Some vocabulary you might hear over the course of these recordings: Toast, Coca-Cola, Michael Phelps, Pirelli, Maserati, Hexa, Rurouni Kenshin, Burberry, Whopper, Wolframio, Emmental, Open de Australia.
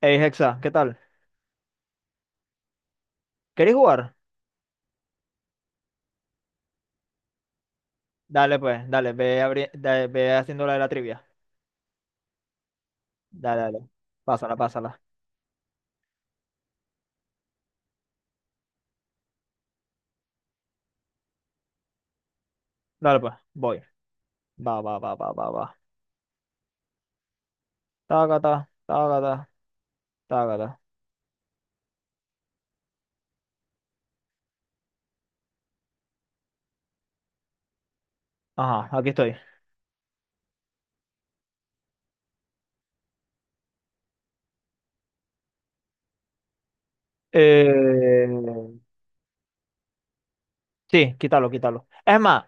Hey, Hexa, ¿qué tal? ¿Queréis jugar? Dale, pues, dale, ve, ve haciendo la de la trivia. Dale, dale. Pásala, pásala. Dale, pues, voy. Va, va, va, va, va, va. Tácata, tácata, tácata. Ajá, aquí estoy. Eh... Sí, quítalo, quítalo. Es más,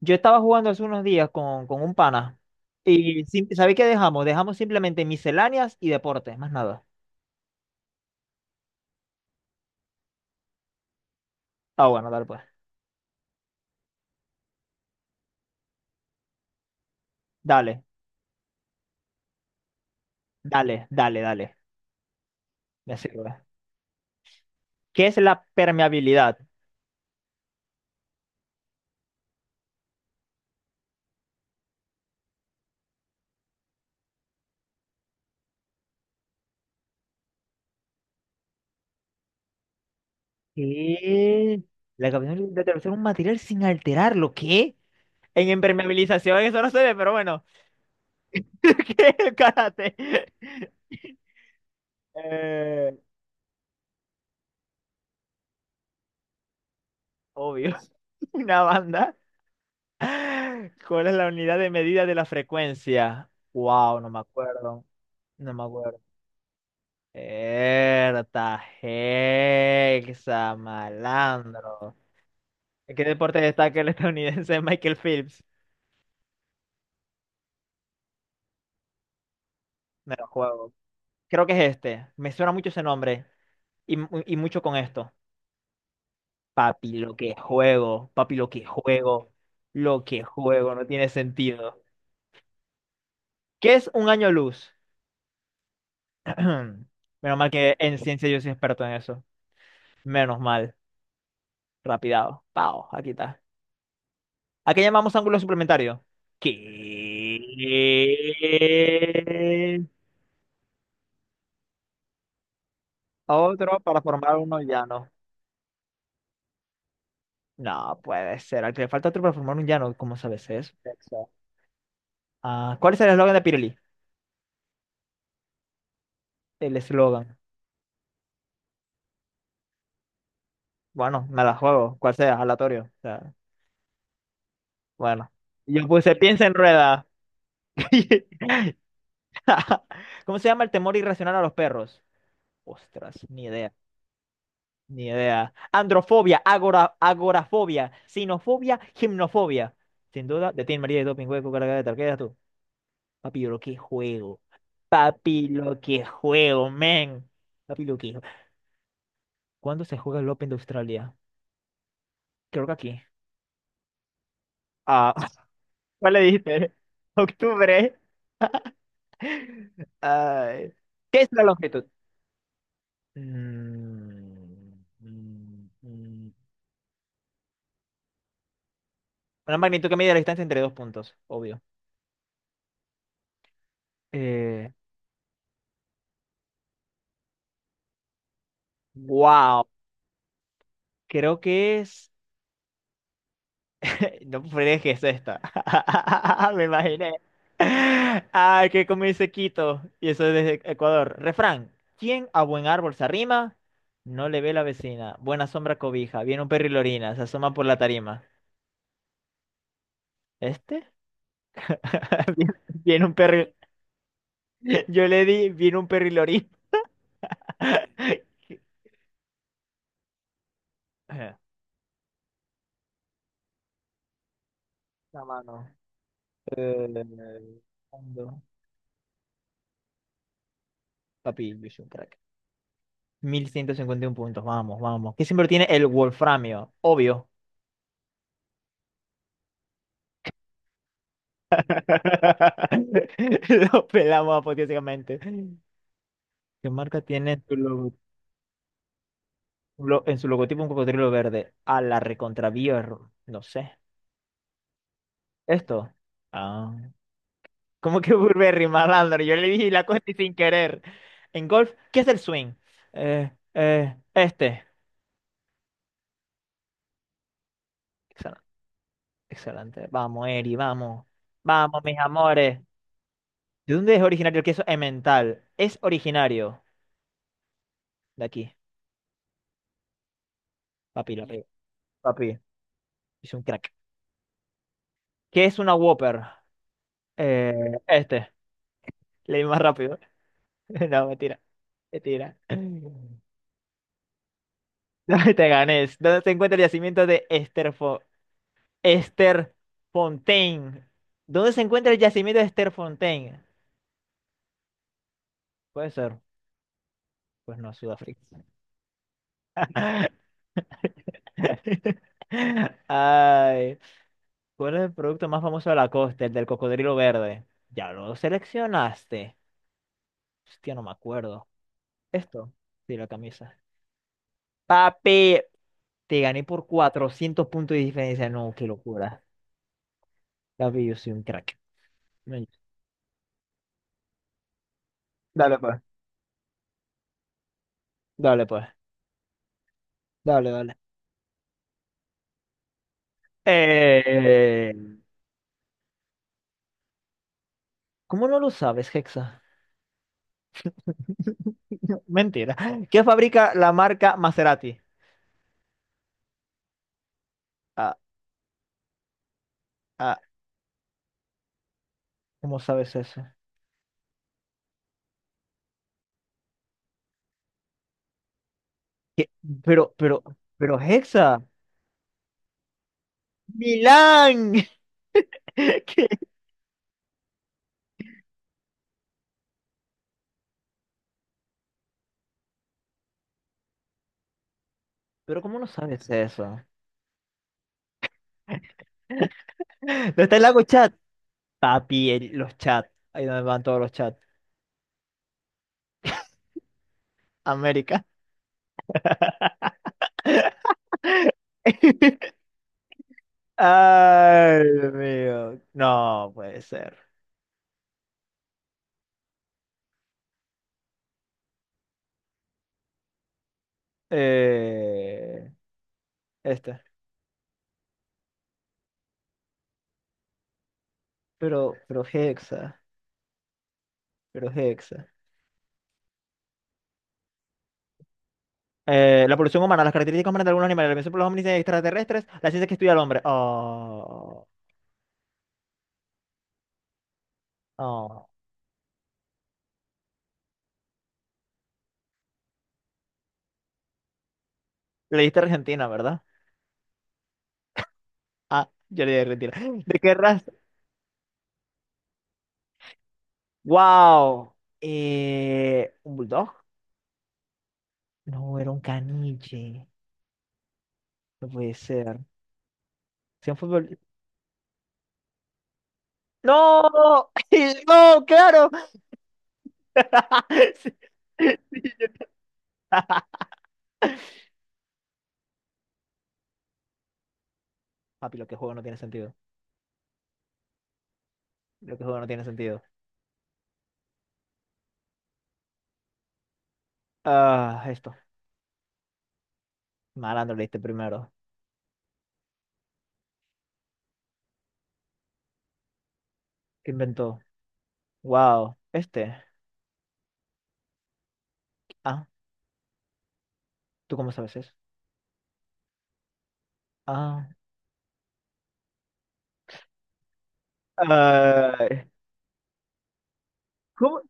yo estaba jugando hace unos días con un pana. Y ¿sabéis qué dejamos? Dejamos simplemente misceláneas y deportes, más nada. Ah, bueno, dale, pues. Dale, dale, dale, dale. Me sirve. ¿Qué es la permeabilidad? ¿Qué? La capacidad de atravesar un material sin alterarlo. ¿Qué? En impermeabilización eso no se ve, pero bueno. ¿Qué? El Karate. Eh, obvio. Una banda. ¿Cuál es la unidad de medida de la frecuencia? Wow, no me acuerdo. No me acuerdo. Erta, hexa, malandro. ¿En qué deporte destaca el estadounidense Michael Phelps? Me lo juego. Creo que es este. Me suena mucho ese nombre. Y, y mucho con esto. Papi, lo que juego, papi, lo que juego, no tiene sentido. ¿Qué es un año luz? Menos mal que en ciencia yo soy experto en eso. Menos mal. Rapidado. Pau, aquí está. ¿A qué llamamos ángulo suplementario? ¿Qué? Otro para formar uno llano. No puede ser. Al que le falta otro para formar un llano, ¿cómo sabes eso? Exacto. Ah, ¿cuál es el eslogan de Pirelli? El eslogan. Bueno, me la juego, cual sea, aleatorio. O sea, bueno. Yo puse piensa en rueda. ¿Cómo se llama el temor irracional a los perros? Ostras, ni idea, ni idea. Androfobia, agora, agorafobia, sinofobia, gimnofobia. Sin duda, de Tim María y Doping Hueco, carga de tal. ¿Qué eras tú? Papi, lo que juego. Papi, lo que juego, men. Papi, lo que juego. ¿Cuándo se juega el Open de Australia? Creo que aquí. Ah, ¿cuál le dijiste? Octubre. Ay, ¿qué es la longitud? Mm, mm, mm. Una magnitud que mide la distancia entre dos puntos, obvio. Eh, wow, creo que es... No fregues, es esta. Me imaginé. Ah, que como dice Quito, y eso es desde Ecuador. Refrán, ¿quién a buen árbol se arrima? No le ve la vecina. Buena sombra cobija. Viene un perro y lo orina. Se asoma por la tarima. ¿Este? Viene un perro y- Yo le di, viene un perro y lo orina. Ajá, la mano. Eh, fondo. Papi, yo soy un crack. Mil ciento cincuenta y uno puntos, vamos, vamos. Que siempre tiene el Wolframio, obvio. Lo pelamos apoteósicamente. ¿Qué marca tiene en su, logo- lo- en su logotipo un cocodrilo verde? A la recontra no sé. ¿Esto? Ah. ¿Cómo que Burberry, malandro? Yo le dije la cosa y sin querer. En golf, ¿qué es el swing? Este. Excelente. Vamos, Eri, vamos. Vamos, mis amores. ¿De dónde es originario el queso Emmental? Es originario de aquí. Papi, la pego. Papi, es un crack. ¿Qué es una Whopper? Eh, este. Leí más rápido. No, mentira. Mentira. ¿Dónde te ganes? Esther ¿Dónde se encuentra el yacimiento de Esther? Puede ser. Pues no, Sudáfrica. Ay. ¿Cuál es el producto más famoso de la costa? El del cocodrilo verde. Ya lo seleccionaste. Hostia, no me acuerdo. ¿Esto? Sí, la camisa. Papi, te gané por 400 puntos de diferencia. No, qué locura. Papi, yo soy un crack. Men- Dale, pues. Dale, pues. Dale, dale. Eh, ¿Cómo no lo sabes, Hexa? Mentira. ¿Qué fabrica la marca Maserati? Ah, ah, ¿cómo sabes eso? ¿Qué? Pero, pero, pero Hexa. Milán. ¿Qué? Pero ¿cómo no sabes eso? ¿Dónde está el lago chat? Los chats. Ahí donde van todos los chats. América. Ay, Dios mío. No puede ser. Eh, esta. Pero Hexa. Pero Hexa. La evolución humana, las características humanas de algunos animales, la evolución por los hombres extraterrestres, la ciencia que estudia al hombre. Oh, oh. Le diste a Argentina, ¿verdad? Ah, yo le di a Argentina. ¿De qué raza? ¡Wow! ¿Un bulldog? No, era un caniche. No puede ser. ¿Si un fútbol? ¡No! ¡No, claro! Sí. Papi, lo que juego no tiene sentido. Lo que juego no tiene sentido. Ah, esto. Malandro leíste primero. ¿Qué inventó? Wow. Este. Ah, ¿tú cómo sabes eso? Ah. Ay, ¿cómo?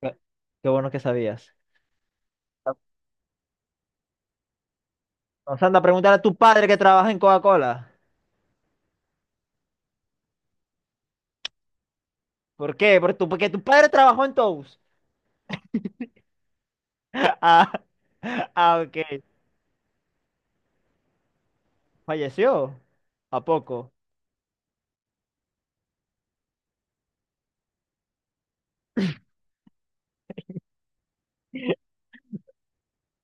Qué qué bueno que sabías. Vamos anda a preguntar a tu padre que trabaja en Coca-Cola. ¿Por qué? Porque tu padre trabajó en Toast. Ah, ah, ok. ¿Falleció? ¿A poco?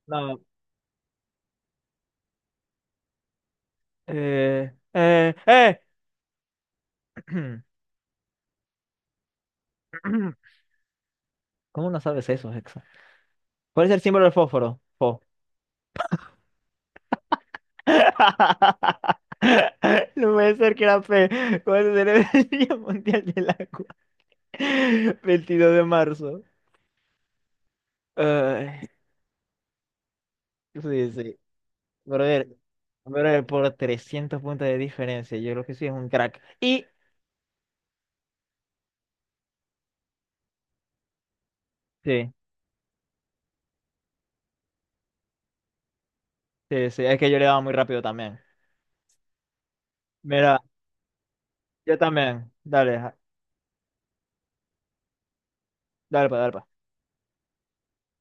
No. Eh, eh, eh. ¿Cómo no sabes eso, Hexa? ¿Cuál es el símbolo del fósforo? Fo. No puede ser que era fe. ¿Cuál será el Día Mundial del Agua? 22 de marzo. Ay, sí, sí. Brother, brother, por 300 puntos de diferencia. Yo creo que sí es un crack. Y sí, sí, es que yo le daba muy rápido también. Mira, yo también. Dale, ja- dale, pa, dale. Pa.